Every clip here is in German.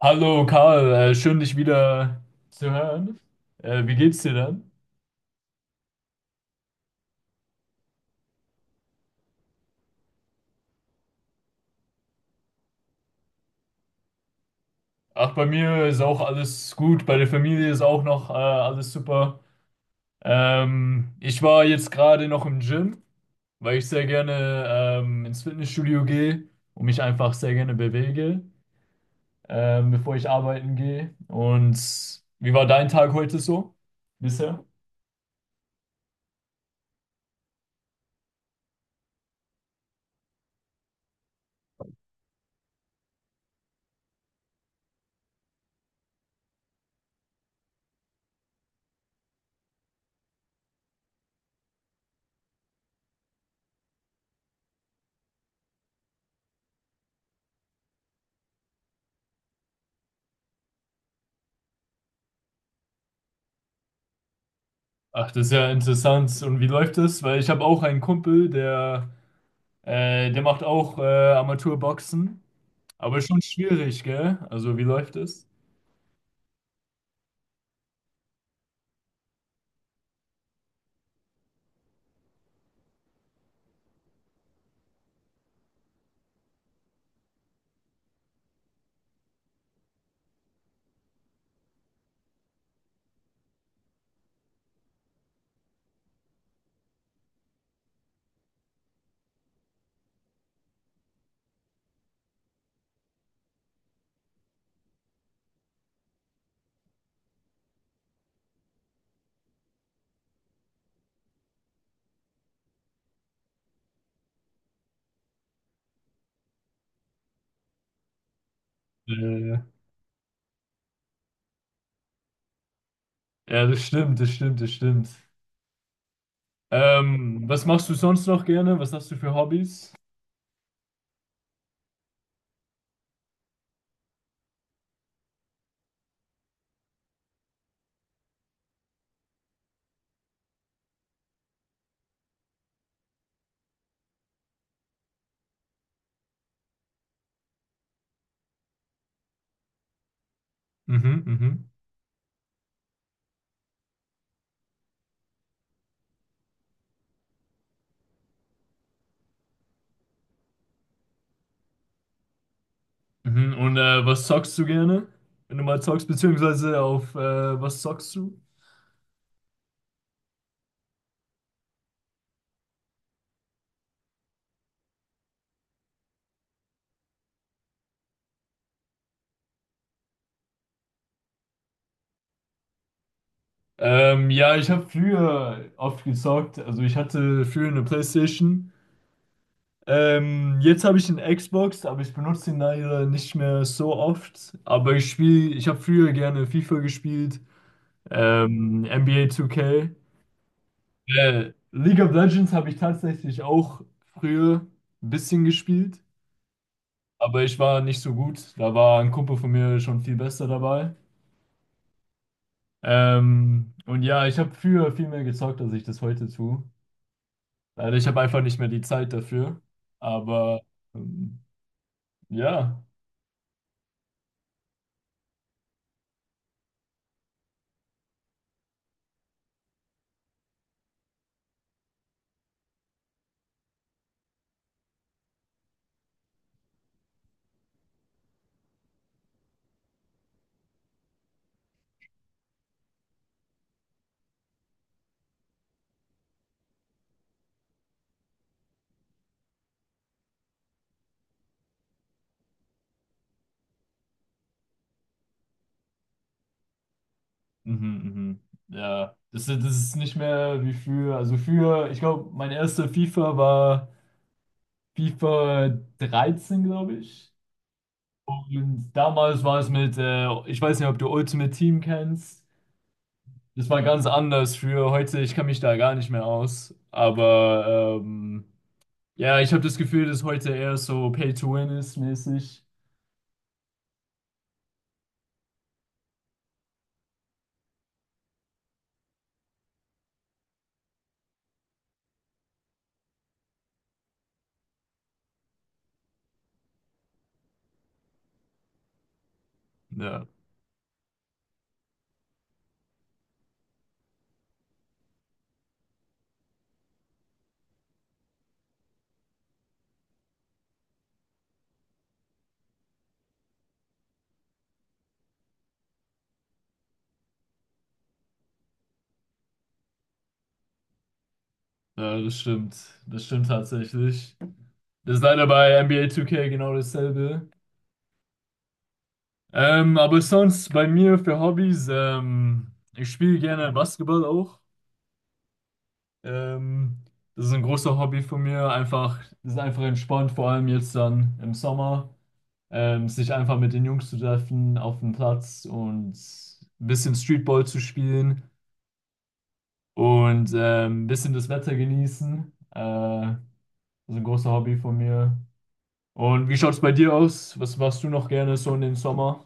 Hallo Karl, schön dich wieder zu hören. Wie geht's dir denn? Ach, bei mir ist auch alles gut, bei der Familie ist auch noch alles super. Ich war jetzt gerade noch im Gym, weil ich sehr gerne ins Fitnessstudio gehe und mich einfach sehr gerne bewege, bevor ich arbeiten gehe. Und wie war dein Tag heute so bisher? Ach, das ist ja interessant. Und wie läuft das? Weil ich habe auch einen Kumpel, der macht auch Amateurboxen. Aber schon schwierig, gell? Also, wie läuft es? Äh, ja, das stimmt, das stimmt, das stimmt. Was machst du sonst noch gerne? Was hast du für Hobbys? Mhm, mhm. Mhm. Und was zockst du gerne? Wenn du mal zockst, beziehungsweise auf was zockst du? Ja, ich habe früher oft gezockt. Also ich hatte früher eine PlayStation. Jetzt habe ich eine Xbox, aber ich benutze ihn leider nicht mehr so oft. Aber ich habe früher gerne FIFA gespielt. NBA 2K. League of Legends habe ich tatsächlich auch früher ein bisschen gespielt, aber ich war nicht so gut. Da war ein Kumpel von mir schon viel besser dabei. Und ja, ich habe früher viel mehr gezockt, als ich das heute tue. Leider, ich habe einfach nicht mehr die Zeit dafür. Aber ähm, ja, mhm, mhm. Ja, das ist nicht mehr wie früher. Also früher, ich glaube, mein erster FIFA war FIFA 13, glaube ich. Und damals war es ich weiß nicht, ob du Ultimate Team kennst. Das war ganz anders für heute. Ich kann mich da gar nicht mehr aus. Aber ja, ich habe das Gefühl, dass heute eher so Pay to Win ist mäßig. Ja, ja, das stimmt. Das stimmt tatsächlich. Das ist leider bei NBA 2K genau dasselbe. Aber sonst bei mir für Hobbys, ich spiele gerne Basketball auch. Ähm, Das ist ein großer Hobby von mir. Einfach, das ist einfach entspannt, vor allem jetzt dann im Sommer, sich einfach mit den Jungs zu treffen auf dem Platz und ein bisschen Streetball zu spielen und ein bisschen das Wetter genießen. Das ist ein großer Hobby von mir. Und wie schaut es bei dir aus? Was machst du noch gerne so in den Sommer?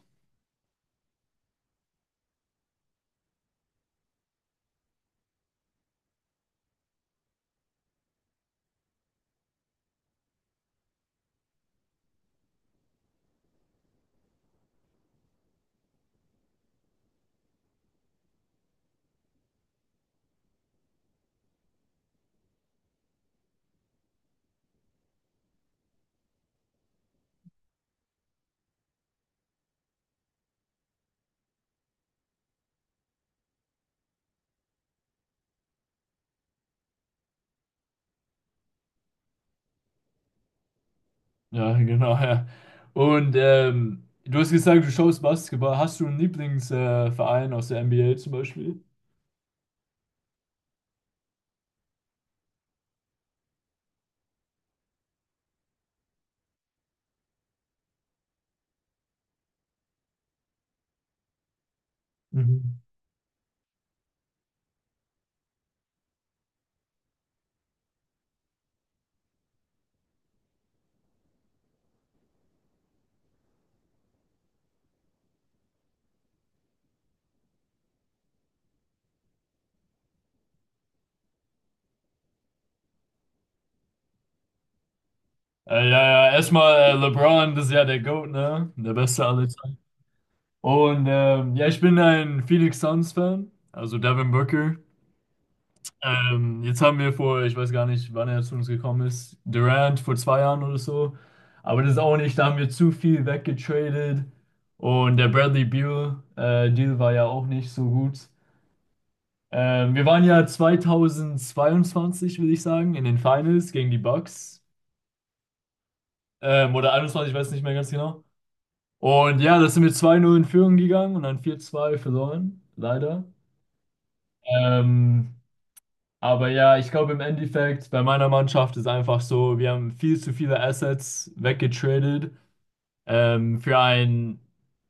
Ja, genau, ja. Und du hast gesagt, du schaust Basketball. Hast du einen Lieblingsverein Verein aus der NBA zum Beispiel? Mhm. Ja, ja, erstmal LeBron, das ist ja der GOAT, ne? Der Beste aller Zeiten. Und ja, ich bin ein Phoenix Suns-Fan, also Devin Booker. Jetzt haben wir vor, ich weiß gar nicht, wann er zu uns gekommen ist, Durant vor 2 Jahren oder so. Aber das ist auch nicht, da haben wir zu viel weggetradet. Und der Bradley Beal Deal war ja auch nicht so gut. Wir waren ja 2022, würde ich sagen, in den Finals gegen die Bucks. Oder 21, ich weiß nicht mehr ganz genau. Und ja, da sind wir 2-0 in Führung gegangen und dann 4-2 verloren, leider. Ähm, aber ja, ich glaube im Endeffekt, bei meiner Mannschaft ist einfach so, wir haben viel zu viele Assets weggetradet für einen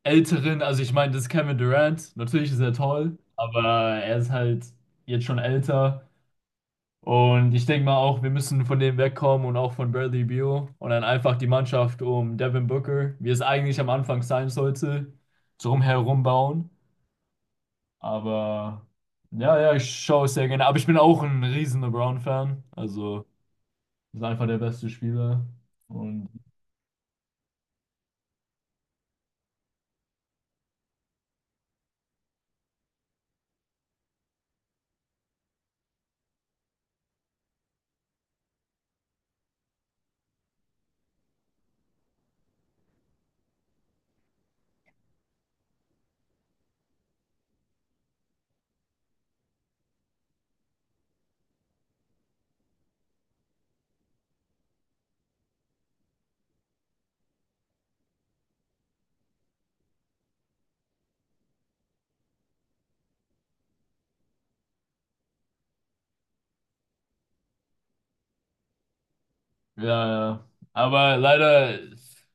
älteren, also ich meine, das ist Kevin Durant, natürlich ist er toll, aber er ist halt jetzt schon älter. Und ich denke mal auch, wir müssen von dem wegkommen und auch von Bradley Beal und dann einfach die Mannschaft um Devin Booker, wie es eigentlich am Anfang sein sollte, drum herum bauen. Aber ja, ja, ich schaue es sehr gerne. Aber ich bin auch ein riesen LeBron-Fan. Also, ist einfach der beste Spieler. Und ja, ja. Aber leider,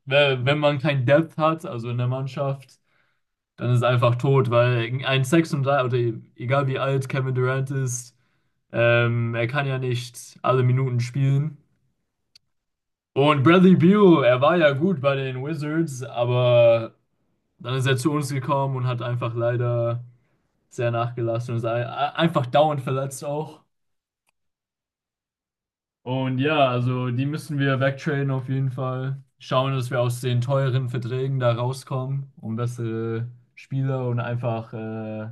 wenn man kein Depth hat, also in der Mannschaft, dann ist es einfach tot, weil ein 36, oder egal wie alt Kevin Durant ist, er kann ja nicht alle Minuten spielen. Und Bradley Beal, er war ja gut bei den Wizards, aber dann ist er zu uns gekommen und hat einfach leider, sehr nachgelassen und ist einfach dauernd verletzt auch. Und ja, also die müssen wir wegtraden auf jeden Fall. Schauen, dass wir aus den teuren Verträgen da rauskommen, um bessere Spieler und einfach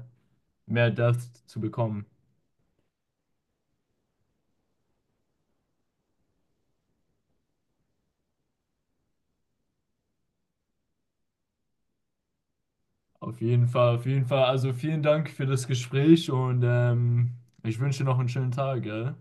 mehr Depth zu bekommen. Auf jeden Fall, auf jeden Fall. Also vielen Dank für das Gespräch und ich wünsche dir noch einen schönen Tag, gell?